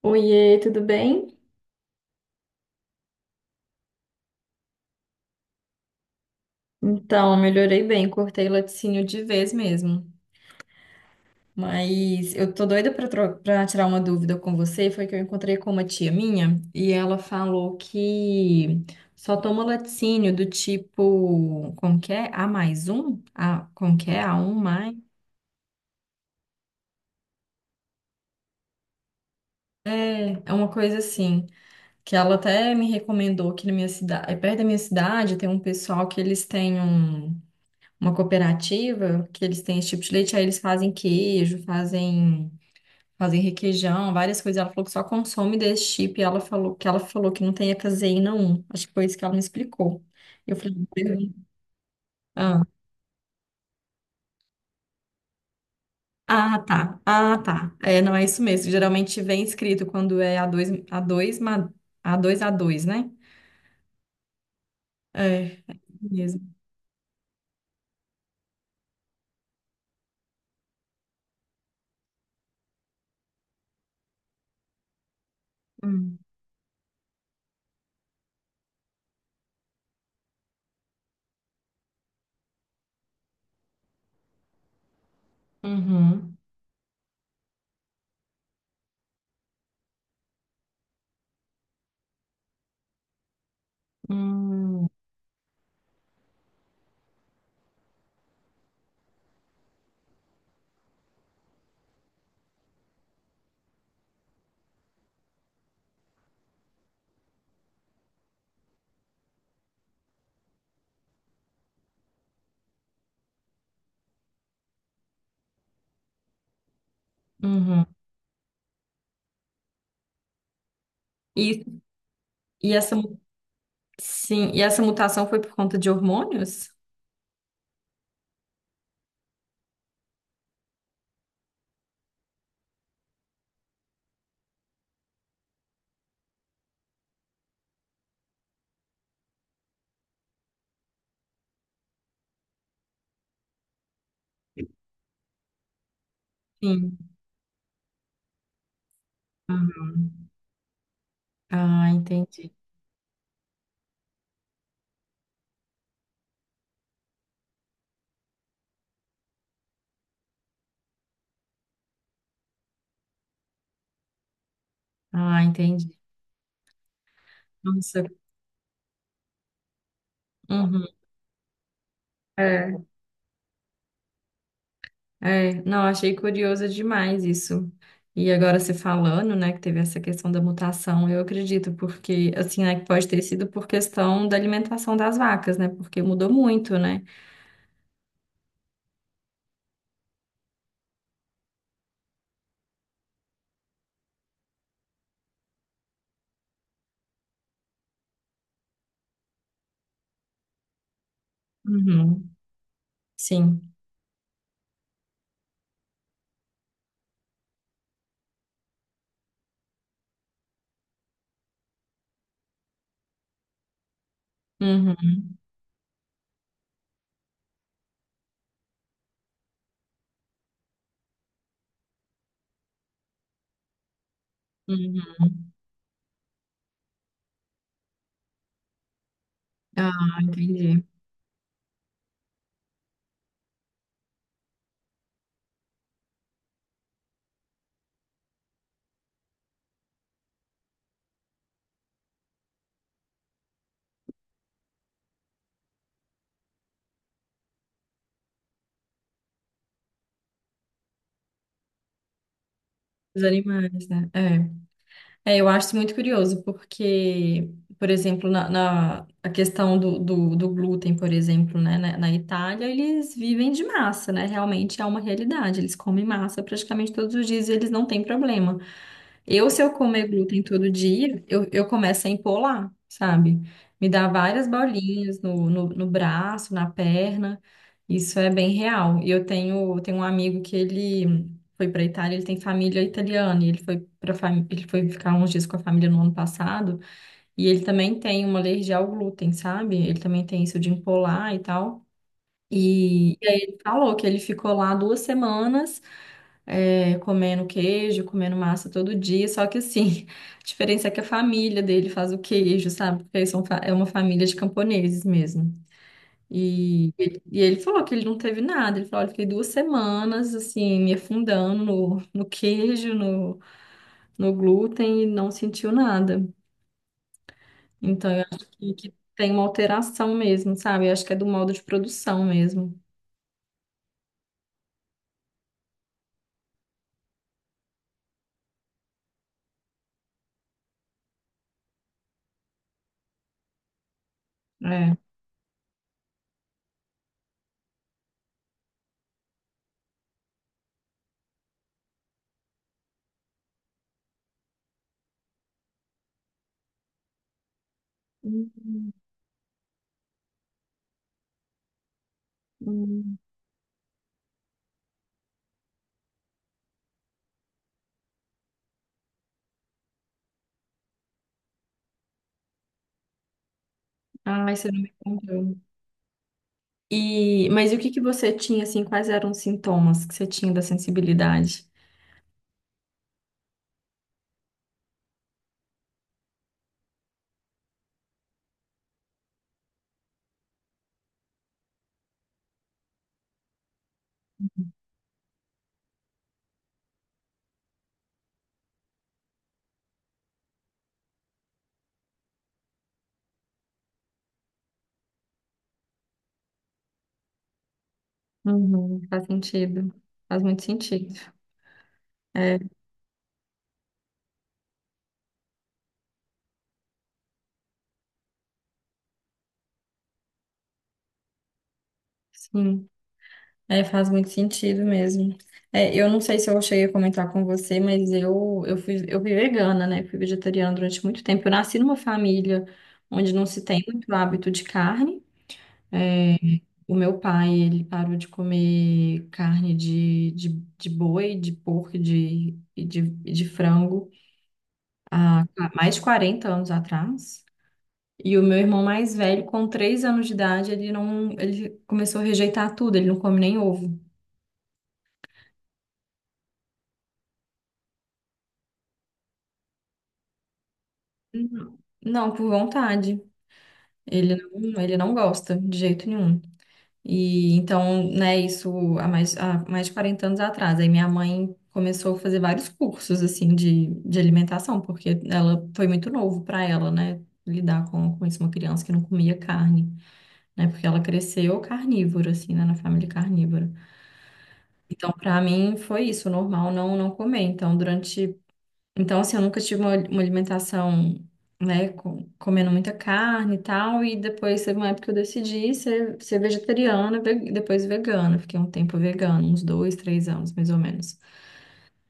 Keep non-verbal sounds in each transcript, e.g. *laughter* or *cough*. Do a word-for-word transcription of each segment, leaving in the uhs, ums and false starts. Oiê, tudo bem? Então, melhorei bem, cortei o laticínio de vez mesmo. Mas eu tô doida pra, tro- pra tirar uma dúvida com você. Foi que eu encontrei com uma tia minha e ela falou que só toma laticínio do tipo, como que é? A mais um? A, como que é? A um mais? É, é uma coisa assim. Que ela até me recomendou que na minha cidade, perto da minha cidade, tem um pessoal que eles têm um. uma cooperativa que eles têm esse tipo de leite, aí eles fazem queijo, fazem, fazem requeijão, várias coisas. Ela falou que só consome desse tipo e ela falou que ela falou que não tem a caseína um. Acho que foi isso que ela me explicou. Eu falei, "Pergunta- ah, ah, tá, ah, tá. É, não é isso mesmo. Geralmente vem escrito quando é a dois a dois ma- a dois a dois, né? É, é isso mesmo. Hum. Uhum. Hum. Uhum. E, e essa, mu- sim, e essa mutação foi por conta de hormônios? Sim. Uhum. Ah, entendi. Ah, entendi. Nossa. Uhum. É, é. Não, achei curioso demais isso. E agora você falando, né, que teve essa questão da mutação, eu acredito, porque, assim, né, que pode ter sido por questão da alimentação das vacas, né, porque mudou muito, né? Uhum. Sim. Uhum. Uhum. Ah, entendi. Os animais, né? É. É, eu acho isso muito curioso, porque, por exemplo, na, na- a questão do, do, do glúten, por exemplo, né, na, na Itália, eles vivem de massa, né? Realmente é uma realidade. Eles comem massa praticamente todos os dias e eles não têm problema. Eu, se eu comer glúten todo dia, eu, eu começo a empolar, sabe? Me dá várias bolinhas no, no, no braço, na perna. Isso é bem real. E eu tenho, tenho um amigo que ele foi para Itália, ele tem família italiana, e ele foi para ele foi ficar uns dias com a família no ano passado, e ele também tem uma alergia ao glúten, sabe? Ele também tem isso de empolar e tal. E, e aí ele falou que ele ficou lá duas semanas, é, comendo queijo, comendo massa todo dia, só que assim, *laughs* a diferença é que a família dele faz o queijo, sabe? Porque eles são, fa- é uma família de camponeses mesmo. E, ele- e ele falou que ele não teve nada, ele falou, olha, eu fiquei duas semanas, assim, me afundando no, no queijo, no, no glúten e não sentiu nada. Então, eu acho que, que tem uma alteração mesmo, sabe? Eu acho que é do modo de produção mesmo. É. Hum. Hum. Ai, você não me contou. E, mas e o que que você tinha, assim, quais eram os sintomas que você tinha da sensibilidade? Uhum, faz sentido. Faz muito sentido. É, sim. É, faz muito sentido mesmo. É, eu não sei se eu cheguei a comentar com você, mas eu, eu fui, eu fui vegana, né? Fui vegetariana durante muito tempo. Eu nasci numa família onde não se tem muito hábito de carne. O meu pai, ele parou de comer carne de, de, de boi, de porco, de, e de, e de frango. Há mais de quarenta anos atrás. E o meu irmão mais velho, com três anos de idade, ele não, ele começou a rejeitar tudo, ele não come nem ovo. Não. Não, por vontade. Ele não, ele não gosta de jeito nenhum. E então, né, isso há mais, há mais de quarenta anos atrás. Aí minha mãe começou a fazer vários cursos assim de, de alimentação, porque ela foi muito novo para ela, né, lidar com, com isso, uma criança que não comia carne, né, porque ela cresceu carnívora assim, né, na família carnívora. Então, para mim, foi isso, normal não não comer. Então, durante. Então, assim, eu nunca tive uma, uma alimentação, né, com- comendo muita carne e tal. E depois teve uma época que eu decidi ser, ser vegetariana, ve- depois vegana. Fiquei um tempo vegana, uns dois, três anos, mais ou menos.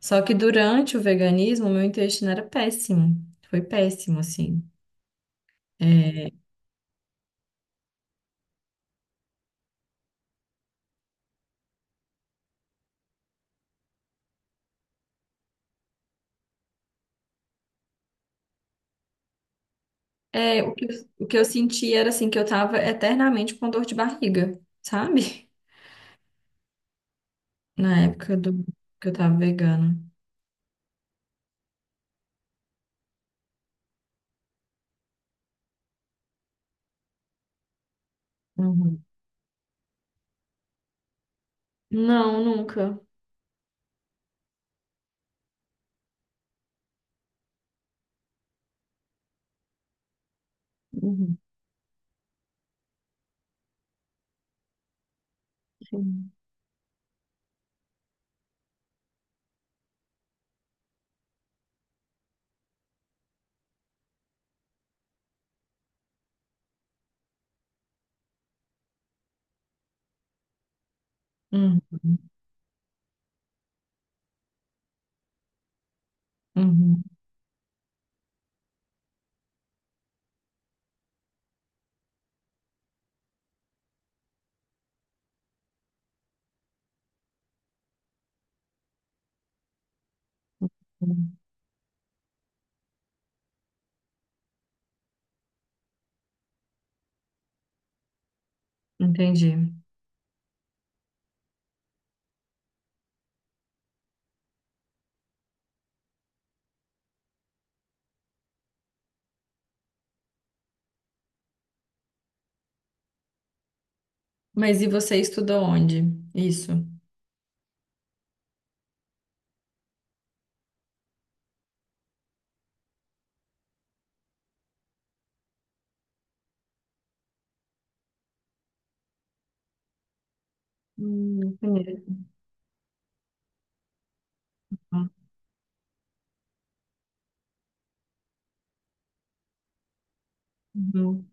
Só que durante o veganismo, meu intestino era péssimo. Foi péssimo, assim. É, é, o que, eu- o que eu senti era assim que eu tava eternamente com dor de barriga, sabe? *laughs* Na época do que eu tava vegana. Uhum. Não, nunca. Uhum, sim. Uhum, uhum, uhum. Entendi. Mas e você estudou onde? Isso. Hum, conheço. Uhum.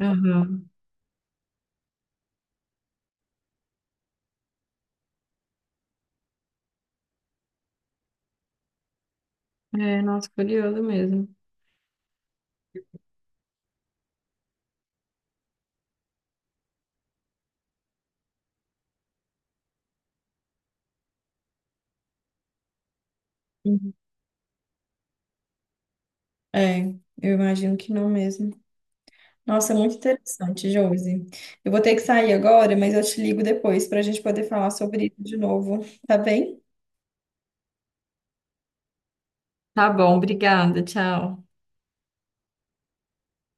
Aham. É, nossa, curioso mesmo. Uhum. É, eu imagino que não mesmo. Nossa, é muito interessante, Josi. Eu vou ter que sair agora, mas eu te ligo depois para a gente poder falar sobre isso de novo, tá bem? Tá bom, obrigada. Tchau.